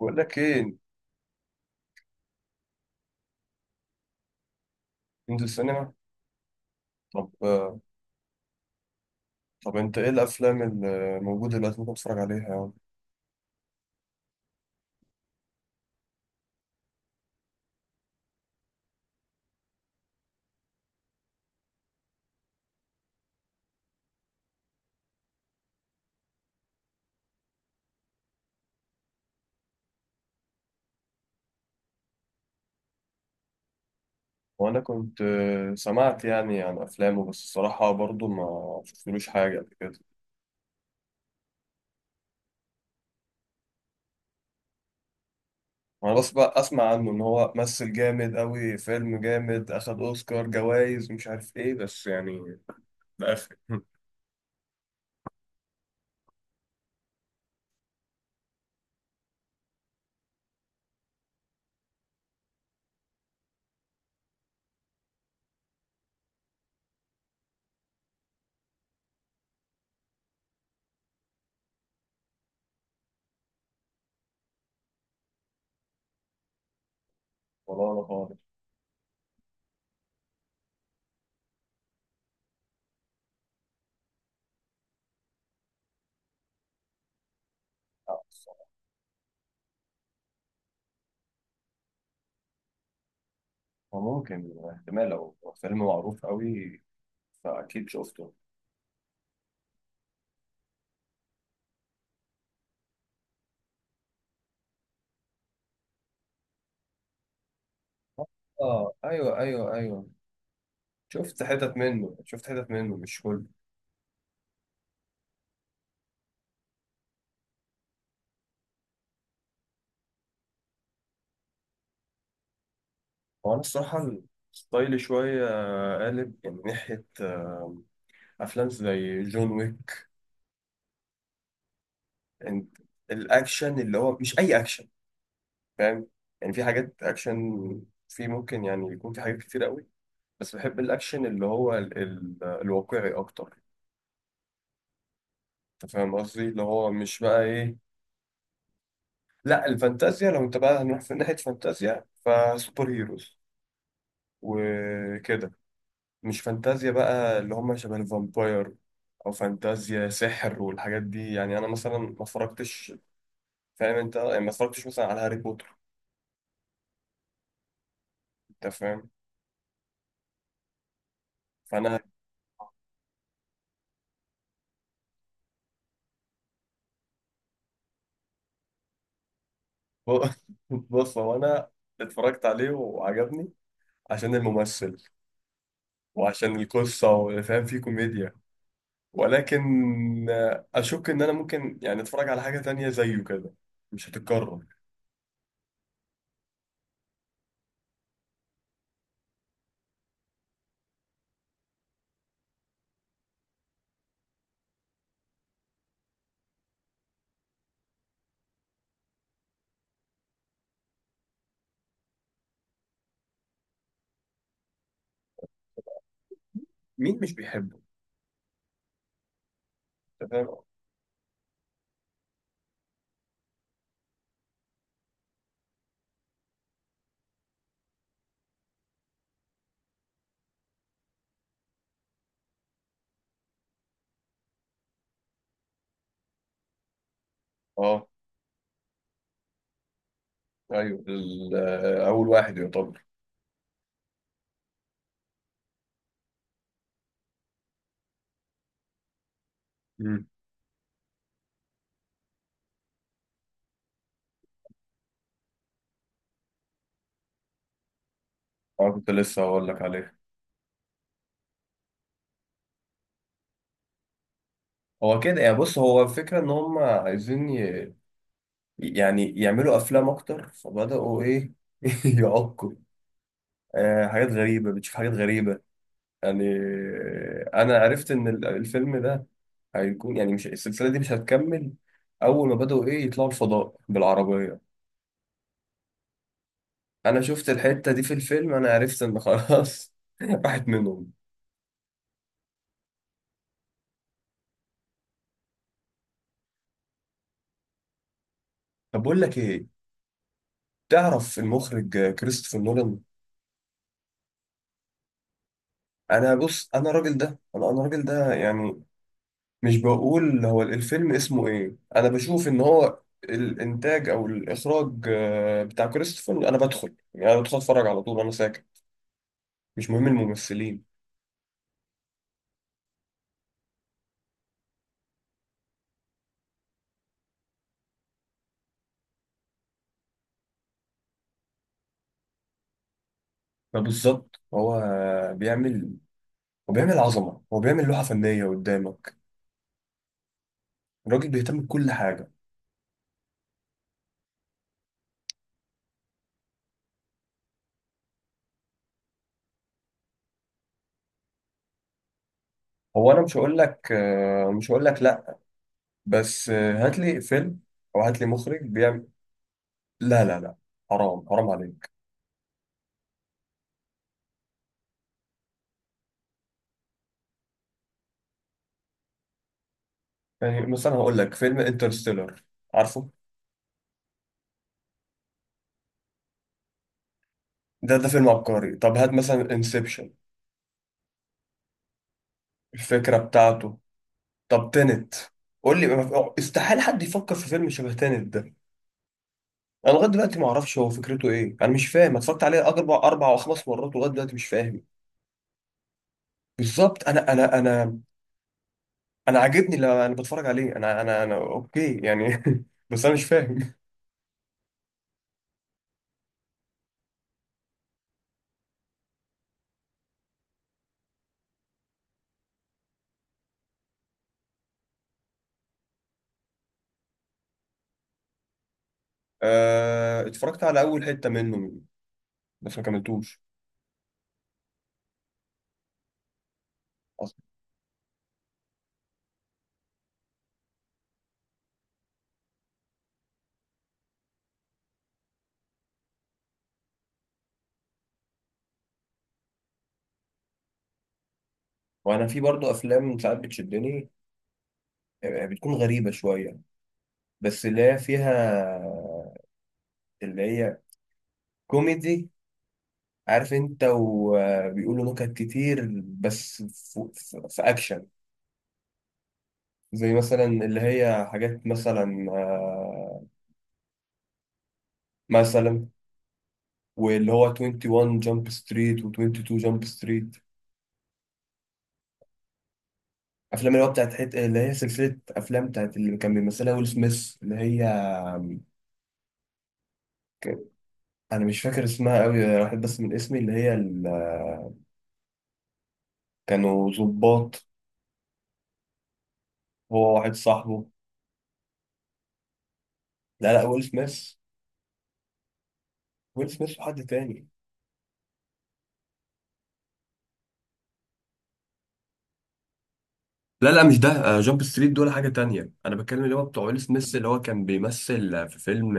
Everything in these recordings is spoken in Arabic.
بقول لك ايه؟ ننزل سينما. طب طب، انت ايه الافلام اللي موجوده دلوقتي ممكن اتفرج عليها يعني؟ وانا كنت، سمعت يعني عن افلامه، بس الصراحه برضو ما شفتلوش حاجه قبل كده. انا بس بقى اسمع عنه ان هو مثل جامد قوي، فيلم جامد، اخد اوسكار جوائز مش عارف ايه، بس يعني ده اخر والله انا خالص. الصراحة. وممكن احتمال لو فيلم معروف قوي فاكيد شفته. اه ايوه ايوه ايوه. شفت حتت منه، شفت حتت منه، مش كله. هو أنا الصراحة ستايلي شوية، قالب من ناحية، أفلام زي جون ويك and الأكشن اللي هو مش أي أكشن، فاهم؟ يعني في حاجات أكشن، في ممكن يعني يكون في حاجات كتير قوي، بس بحب الأكشن اللي هو ال الواقعي أكتر. أنت فاهم قصدي؟ اللي هو مش بقى إيه، لا الفانتازيا، لو أنت بقى هنروح في ناحية فانتازيا فسوبر هيروز وكده، مش فانتازيا بقى اللي هم شبه الفامباير او فانتازيا سحر والحاجات دي. يعني انا مثلا ما اتفرجتش، فاهم انت؟ يعني ما اتفرجتش مثلا على هاري بوتر. انت فاهم. فانا ب- بص، هو انا اتفرجت عليه وعجبني عشان الممثل، وعشان القصه، وفاهم فيه كوميديا. ولكن اشك ان انا ممكن يعني اتفرج على حاجه تانية زيه كده. مش هتتكرر. مين مش بيحبه؟ انت فاهم. اه ايوه، اول واحد يعتبر. اه كنت لسه هقول لك عليه. هو كده يعني، بص، هو الفكرة ان هم عايزين يعني يعملوا افلام اكتر، فبدأوا ايه يعقوا. آه حاجات غريبة، بتشوف حاجات غريبة يعني. انا عرفت ان الفيلم ده هيكون يعني، مش، السلسلة دي مش هتكمل. اول ما بدأوا ايه يطلعوا الفضاء بالعربية، انا شفت الحتة دي في الفيلم، انا عرفت ان خلاص راحت منهم. طب بقول لك ايه، تعرف المخرج كريستوفر نولان؟ انا بص، انا الراجل ده، انا الراجل ده يعني مش بقول هو الفيلم اسمه ايه، انا بشوف ان هو الانتاج او الاخراج بتاع كريستوفر، انا بدخل يعني انا بدخل اتفرج على طول، انا ساكت، مش مهم الممثلين. فبالظبط بيعمل هو بيعمل عظمه، هو بيعمل لوحه فنيه قدامك، الراجل بيهتم بكل حاجه. هو انا مش هقول لك، مش هقول لك لا، بس هات لي فيلم او هات لي مخرج بيعمل. لا لا لا، حرام حرام عليك. يعني مثلا هقول لك فيلم انترستيلر، عارفه. ده ده فيلم عبقري. طب هات مثلا انسبشن، الفكرة بتاعته. طب تنت، قول لي استحيل حد يفكر في فيلم شبه تنت ده. انا لغايه دلوقتي ما اعرفش هو فكرته ايه، انا مش فاهم. أنا اتفرجت عليه اربع اربع او خمس مرات ولغايه دلوقتي مش فاهم. بالظبط، انا انا عاجبني لما انا بتفرج عليه، انا اوكي يعني بس انا مش فاهم. أه اتفرجت على اول حتة منه بس ما كملتوش. اصلا وانا في برضه افلام ساعات بتشدني، بتكون غريبة شوية بس اللي هي فيها، اللي هي كوميدي، عارف انت، وبيقولوا نكت كتير، بس في اكشن. زي مثلا اللي هي حاجات مثلا، مثلا واللي هو 21 جامب ستريت و22 جامب ستريت. افلام اللي هو بتاعت اللي هي سلسله افلام بتاعت اللي كان بيمثلها ويل سميث، اللي هي ك- انا مش فاكر اسمها قوي، راحت بس من اسمي اللي هي ال... كانوا ظباط، هو واحد صاحبه. لا لا، ويل سميث، ويل سميث وحد تاني. لا لا، مش ده. جامب ستريت دول حاجة تانية، أنا بتكلم اللي هو بتوع ويل سميث اللي هو كان بيمثل، في فيلم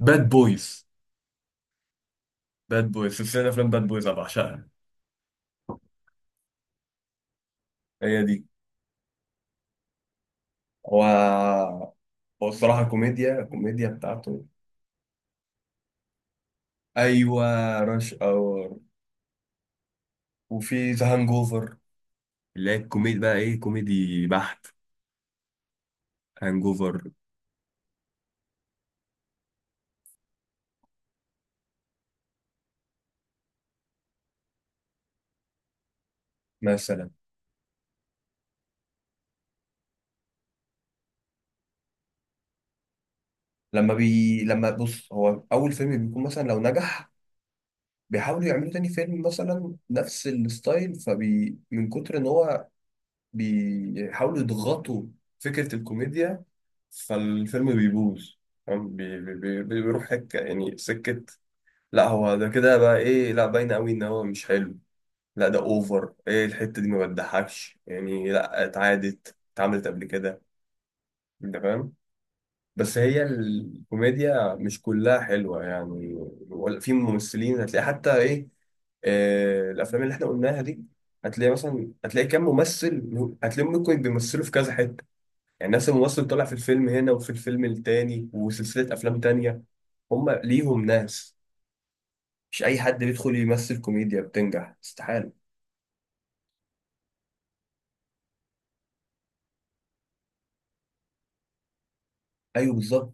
باد بويز. باد بويز، سلسلة أفلام باد بويز أنا بعشقها. هي دي. هو هو الصراحة كوميديا، الكوميديا بتاعته. أيوة، راش أور وفي ذا هانج أوفر، اللي هي الكوميدي بقى إيه، كوميدي بحت. هانج أوفر. مثلا لما بي لما بص، هو أول فيلم بيكون مثلا لو نجح، بيحاولوا يعملوا تاني فيلم مثلا نفس الستايل، فبي من كتر ان هو بيحاولوا يضغطوا فكرة الكوميديا فالفيلم بيبوظ. فاهم؟ بيروح حك يعني سكة. لا هو ده كده بقى ايه، لا باين قوي ان هو مش حلو. لا ده اوفر، ايه الحتة دي، ما بتضحكش يعني، لا اتعادت اتعملت قبل كده. انت فاهم. بس هي الكوميديا مش كلها حلوة يعني. ولا في ممثلين هتلاقي حتى ايه. آه الافلام اللي احنا قلناها دي، هتلاقي مثلا، هتلاقي كام ممثل، هتلاقيهم ممكن بيمثلوا في كذا حتة. يعني نفس الممثل طلع في الفيلم هنا وفي الفيلم التاني وسلسلة أفلام تانية. هم ليهم ناس، مش أي حد بيدخل يمثل كوميديا بتنجح، استحالة. أيوه بالظبط.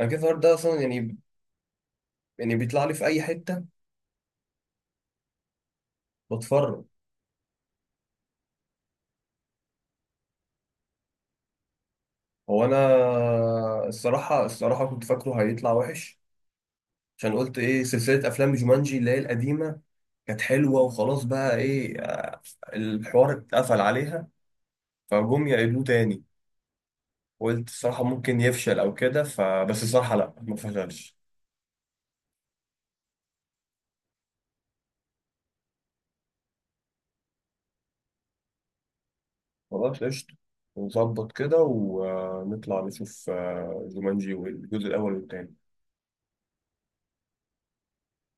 أنا كيف النهارده ده أصلا يعني، يعني بيطلع لي في أي حتة بتفرج. هو أنا الصراحة، الصراحة كنت فاكره هيطلع وحش، عشان قلت إيه سلسلة أفلام جومانجي اللي هي القديمة، كانت حلوة وخلاص بقى إيه، الحوار اتقفل عليها، فجم يعيدوه تاني، قلت الصراحة ممكن يفشل أو كده، فبس الصراحة لأ ما فشلش. خلاص قشطة، نظبط كده ونطلع نشوف جومانجي والجزء الأول والتاني.